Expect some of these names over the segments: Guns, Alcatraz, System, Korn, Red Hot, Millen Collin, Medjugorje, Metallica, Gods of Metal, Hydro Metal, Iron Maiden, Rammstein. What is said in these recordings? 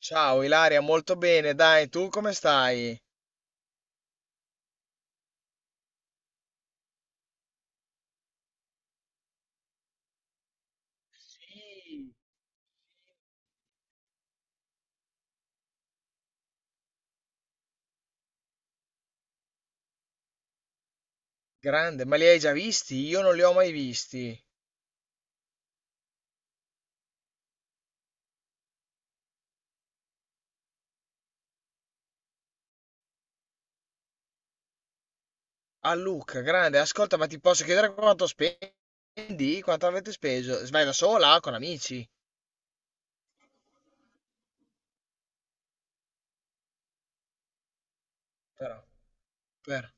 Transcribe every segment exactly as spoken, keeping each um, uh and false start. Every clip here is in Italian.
Ciao Ilaria, molto bene, dai, tu come stai? Ehi, grande, ma li hai già visti? Io non li ho mai visti. A Luca, grande, ascolta, ma ti posso chiedere quanto spendi? Quanto avete speso? Vai da sola o con amici? Però, per-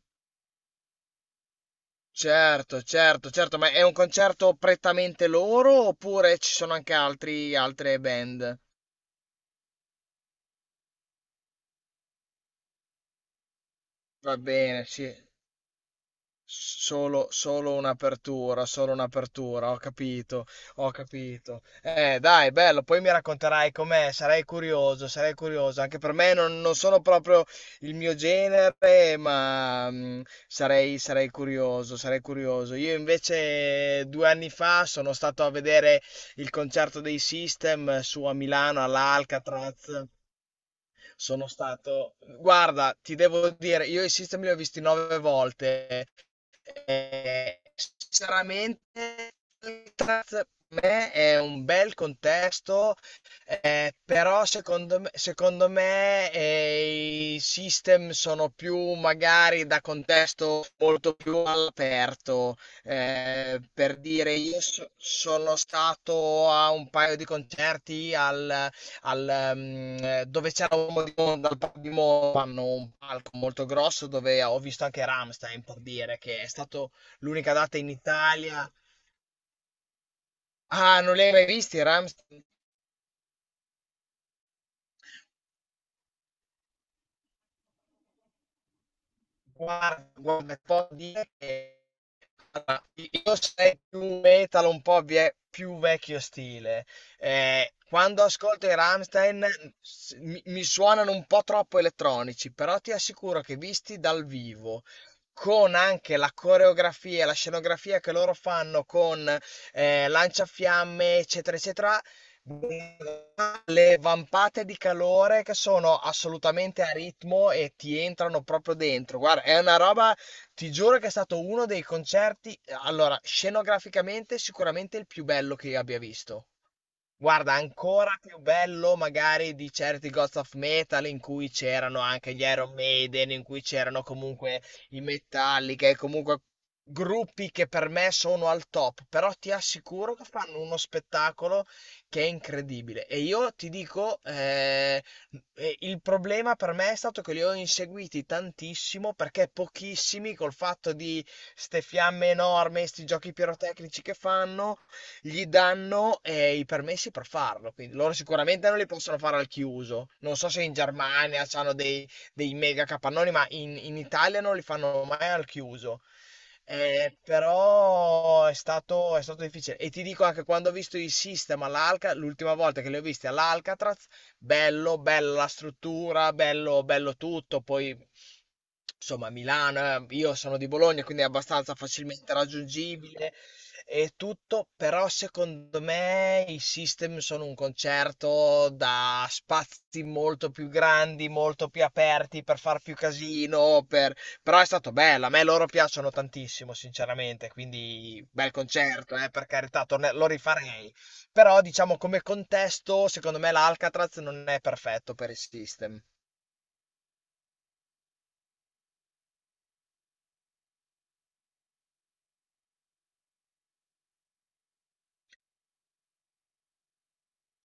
Certo, certo, certo, ma è un concerto prettamente loro oppure ci sono anche altri, altre band? Va bene, sì. Solo, solo un'apertura, solo un'apertura, ho capito, ho capito. Eh, dai, bello, poi mi racconterai com'è, sarei curioso, sarei curioso. Anche per me non, non sono proprio il mio genere, ma mm, sarei, sarei curioso, sarei curioso. Io invece due anni fa sono stato a vedere il concerto dei System eh, su a Milano all'Alcatraz sono stato... Guarda, ti devo dire, io i System li ho visti nove volte. Eh, sinceramente, per me è un bel contesto eh, però secondo me, secondo me, eh, i System sono più magari da contesto molto più all'aperto. Eh, per dire, io so- sono stato a un paio di concerti al, al, mm, eh, dove c'era un di Monza, al Parco di Monza, hanno un palco molto grosso dove ho visto anche Rammstein, per dire, che è stato l'unica data in Italia. Ah, non li hai mai visti, Rammstein? Guarda, guarda, può dire che allora, io sei più metal, un po' vie- più vecchio stile. Eh, quando ascolto i Rammstein s- mi, mi suonano un po' troppo elettronici, però ti assicuro che visti dal vivo, con anche la coreografia, e la scenografia che loro fanno con eh, lanciafiamme, eccetera, eccetera, le vampate di calore che sono assolutamente a ritmo e ti entrano proprio dentro. Guarda, è una roba. Ti giuro che è stato uno dei concerti, allora, scenograficamente sicuramente il più bello che io abbia visto. Guarda, ancora più bello magari di certi Gods of Metal in cui c'erano anche gli Iron Maiden, in cui c'erano comunque i Metallica e comunque gruppi che per me sono al top, però ti assicuro che fanno uno spettacolo che è incredibile. E io ti dico, eh, eh, il problema per me è stato che li ho inseguiti tantissimo perché pochissimi col fatto di ste fiamme enormi, sti giochi pirotecnici che fanno gli danno eh, i permessi per farlo, quindi loro sicuramente non li possono fare al chiuso. Non so se in Germania hanno dei, dei mega capannoni, ma in, in Italia non li fanno mai al chiuso. Eh, però è stato, è stato difficile. E ti dico anche quando ho visto i System all'Alca, l'ultima volta che li ho visti all'Alcatraz, bello, bella la struttura, bello, bello tutto. Poi insomma, Milano, eh, io sono di Bologna, quindi è abbastanza facilmente raggiungibile e tutto, però secondo me i System sono un concerto da spazi molto più grandi, molto più aperti per far più casino, per- però è stato bello, a me loro piacciono tantissimo, sinceramente, quindi bel concerto, eh, per carità, torne- lo rifarei, però diciamo come contesto, secondo me l'Alcatraz non è perfetto per i System.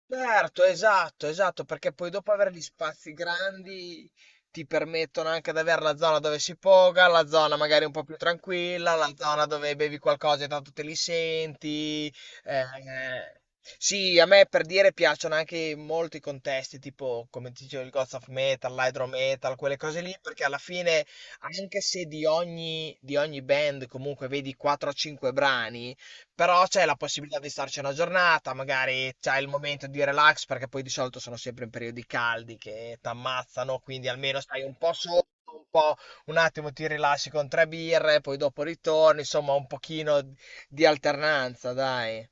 Certo, esatto, esatto, perché poi dopo avere gli spazi grandi ti permettono anche di avere la zona dove si poga, la zona magari un po' più tranquilla, la zona dove bevi qualcosa e tanto te li senti. Eh. Sì, a me per dire piacciono anche molto i contesti, tipo come ti dicevo il Gods of Metal, l'Hydro Metal, quelle cose lì, perché alla fine, anche se di ogni, di ogni band comunque vedi quattro o cinque brani, però c'è la possibilità di starci una giornata, magari c'hai il momento di relax, perché poi di solito sono sempre in periodi caldi che t'ammazzano, quindi almeno stai un po' sotto, un po' un attimo ti rilassi con tre birre, poi dopo ritorni, insomma un pochino di alternanza, dai.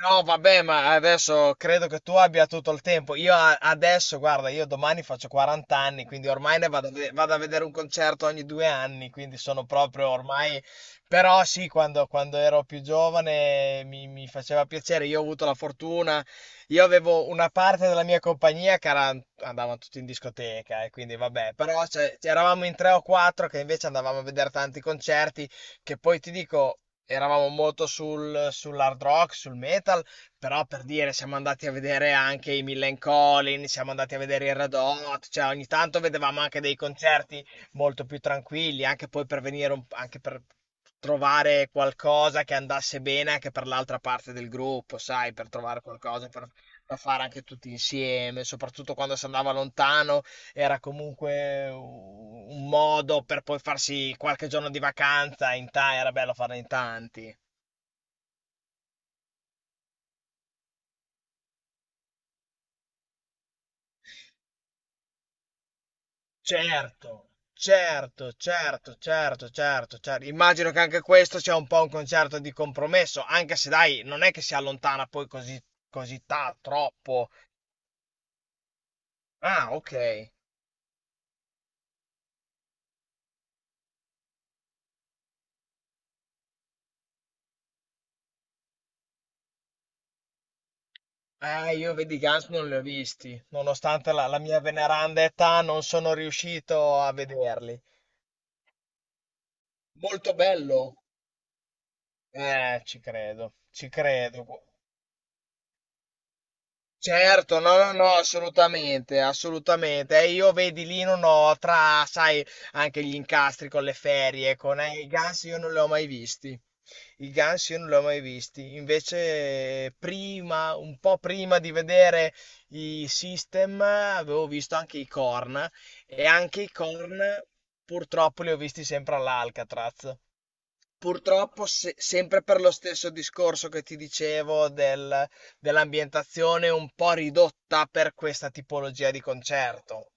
No, vabbè, ma adesso credo che tu abbia tutto il tempo. Io a- adesso, guarda, io domani faccio quaranta anni, quindi ormai ne vado a, ve- vado a vedere un concerto ogni due anni, quindi sono proprio ormai... Però sì, quando, quando ero più giovane mi, mi faceva piacere, io ho avuto la fortuna, io avevo una parte della mia compagnia che era- andavano tutti in discoteca e quindi vabbè, però cioè, eravamo in tre o quattro che invece andavamo a vedere tanti concerti, che poi ti dico eravamo molto sul sull'hard rock, sul metal, però per dire siamo andati a vedere anche i Millen Collin, siamo andati a vedere i Red Hot, cioè ogni tanto vedevamo anche dei concerti molto più tranquilli, anche poi per venire un anche per trovare qualcosa che andasse bene anche per l'altra parte del gruppo, sai, per trovare qualcosa per da fare anche tutti insieme, soprattutto quando si andava lontano era comunque un modo per poi farsi qualche giorno di vacanza in ta- era bello farlo in tanti. Certo, certo, certo, certo, certo, certo. Immagino che anche questo sia un po' un concerto di compromesso, anche se dai, non è che si allontana poi così, così ta- troppo. Ah, ok. Eh, io vedi i Guns non li ho visti, nonostante la, la mia veneranda età non sono riuscito a vederli. Molto bello. Eh, ci credo, ci credo. Certo, no, no, no, assolutamente, assolutamente. E io vedi lì non ho tra, sai, anche gli incastri con le ferie, con eh, i Guns io non li ho mai visti. I Guns io non li ho mai visti. Invece prima, un po' prima di vedere i System, avevo visto anche i Korn e anche i Korn purtroppo li ho visti sempre all'Alcatraz. Purtroppo se- sempre per lo stesso discorso che ti dicevo del- dell'ambientazione un po' ridotta per questa tipologia di concerto.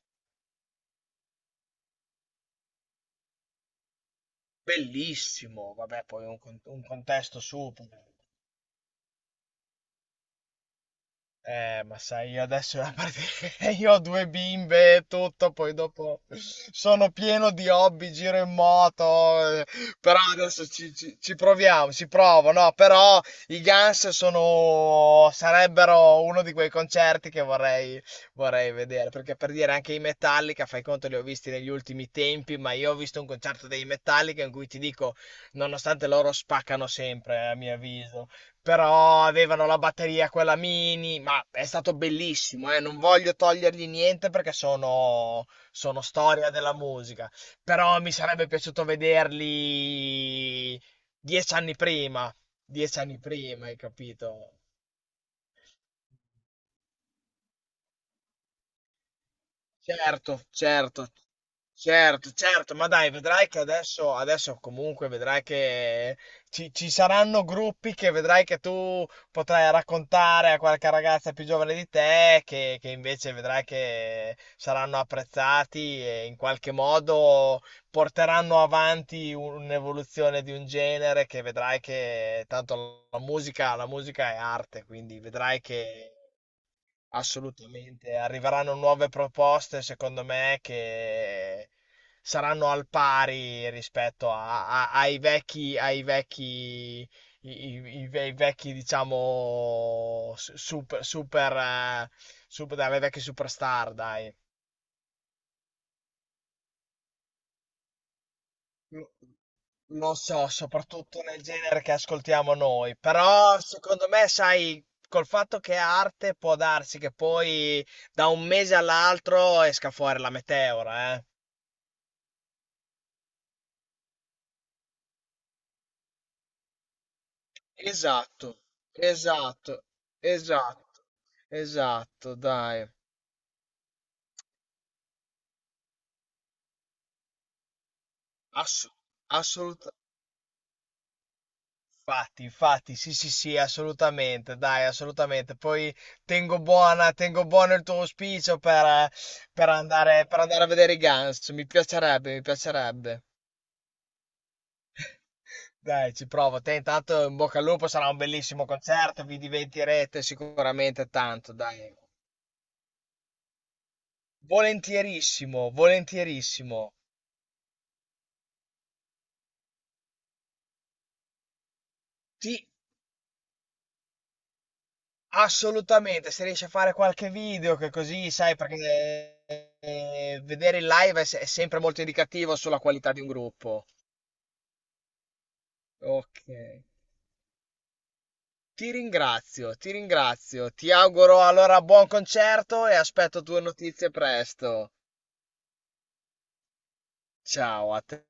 Bellissimo, vabbè, poi un, con- un contesto super. Eh, ma sai, io adesso a parte- io ho due bimbe e tutto, poi dopo sono pieno di hobby, giro in moto, eh, però adesso ci, ci- ci proviamo, ci provo, no? Però i Guns sono, sarebbero uno di quei concerti che vorrei, vorrei vedere, perché per dire anche i Metallica, fai conto, li ho visti negli ultimi tempi, ma io ho visto un concerto dei Metallica in cui ti dico, nonostante loro spaccano sempre, a mio avviso però avevano la batteria quella mini, ma è stato bellissimo, eh, non voglio togliergli niente perché sono, sono storia della musica, però mi sarebbe piaciuto vederli dieci anni prima, dieci anni prima, hai capito? Certo, certo, certo, certo, ma dai, vedrai che adesso, adesso comunque vedrai che ci, ci saranno gruppi che vedrai che tu potrai raccontare a qualche ragazza più giovane di te, che, che invece vedrai che saranno apprezzati e in qualche modo porteranno avanti un'evoluzione di un genere che vedrai che tanto la musica, la musica è arte, quindi vedrai che assolutamente, arriveranno nuove proposte, secondo me, che saranno al pari rispetto a- a- ai vecchi, ai vecchi, i, i- i ve- i vecchi, diciamo, su- super, super, eh, super, dai, le vecchie superstar, dai. Lo lo so, soprattutto nel genere che ascoltiamo noi, però secondo me, sai, col fatto che è arte può darsi che poi da un mese all'altro esca fuori la meteora, eh. Esatto, esatto, esatto, esatto, dai. Ass- assoluta- Infatti, infatti, sì, sì, sì, assolutamente, dai, assolutamente. Poi tengo buona, tengo buono il tuo auspicio per, eh, per andare, per andare a vedere i Guns. Mi piacerebbe, mi piacerebbe. Dai, ci provo. Te intanto in bocca al lupo, sarà un bellissimo concerto, vi divertirete sicuramente tanto, dai. Volentierissimo, volentierissimo. Ti, Assolutamente, se riesci a fare qualche video che così sai, perché eh, vedere il live è, se- è sempre molto indicativo sulla qualità di un gruppo. Ok. Ti ringrazio, ti ringrazio. Ti auguro allora buon concerto e aspetto tue notizie presto. Ciao a te.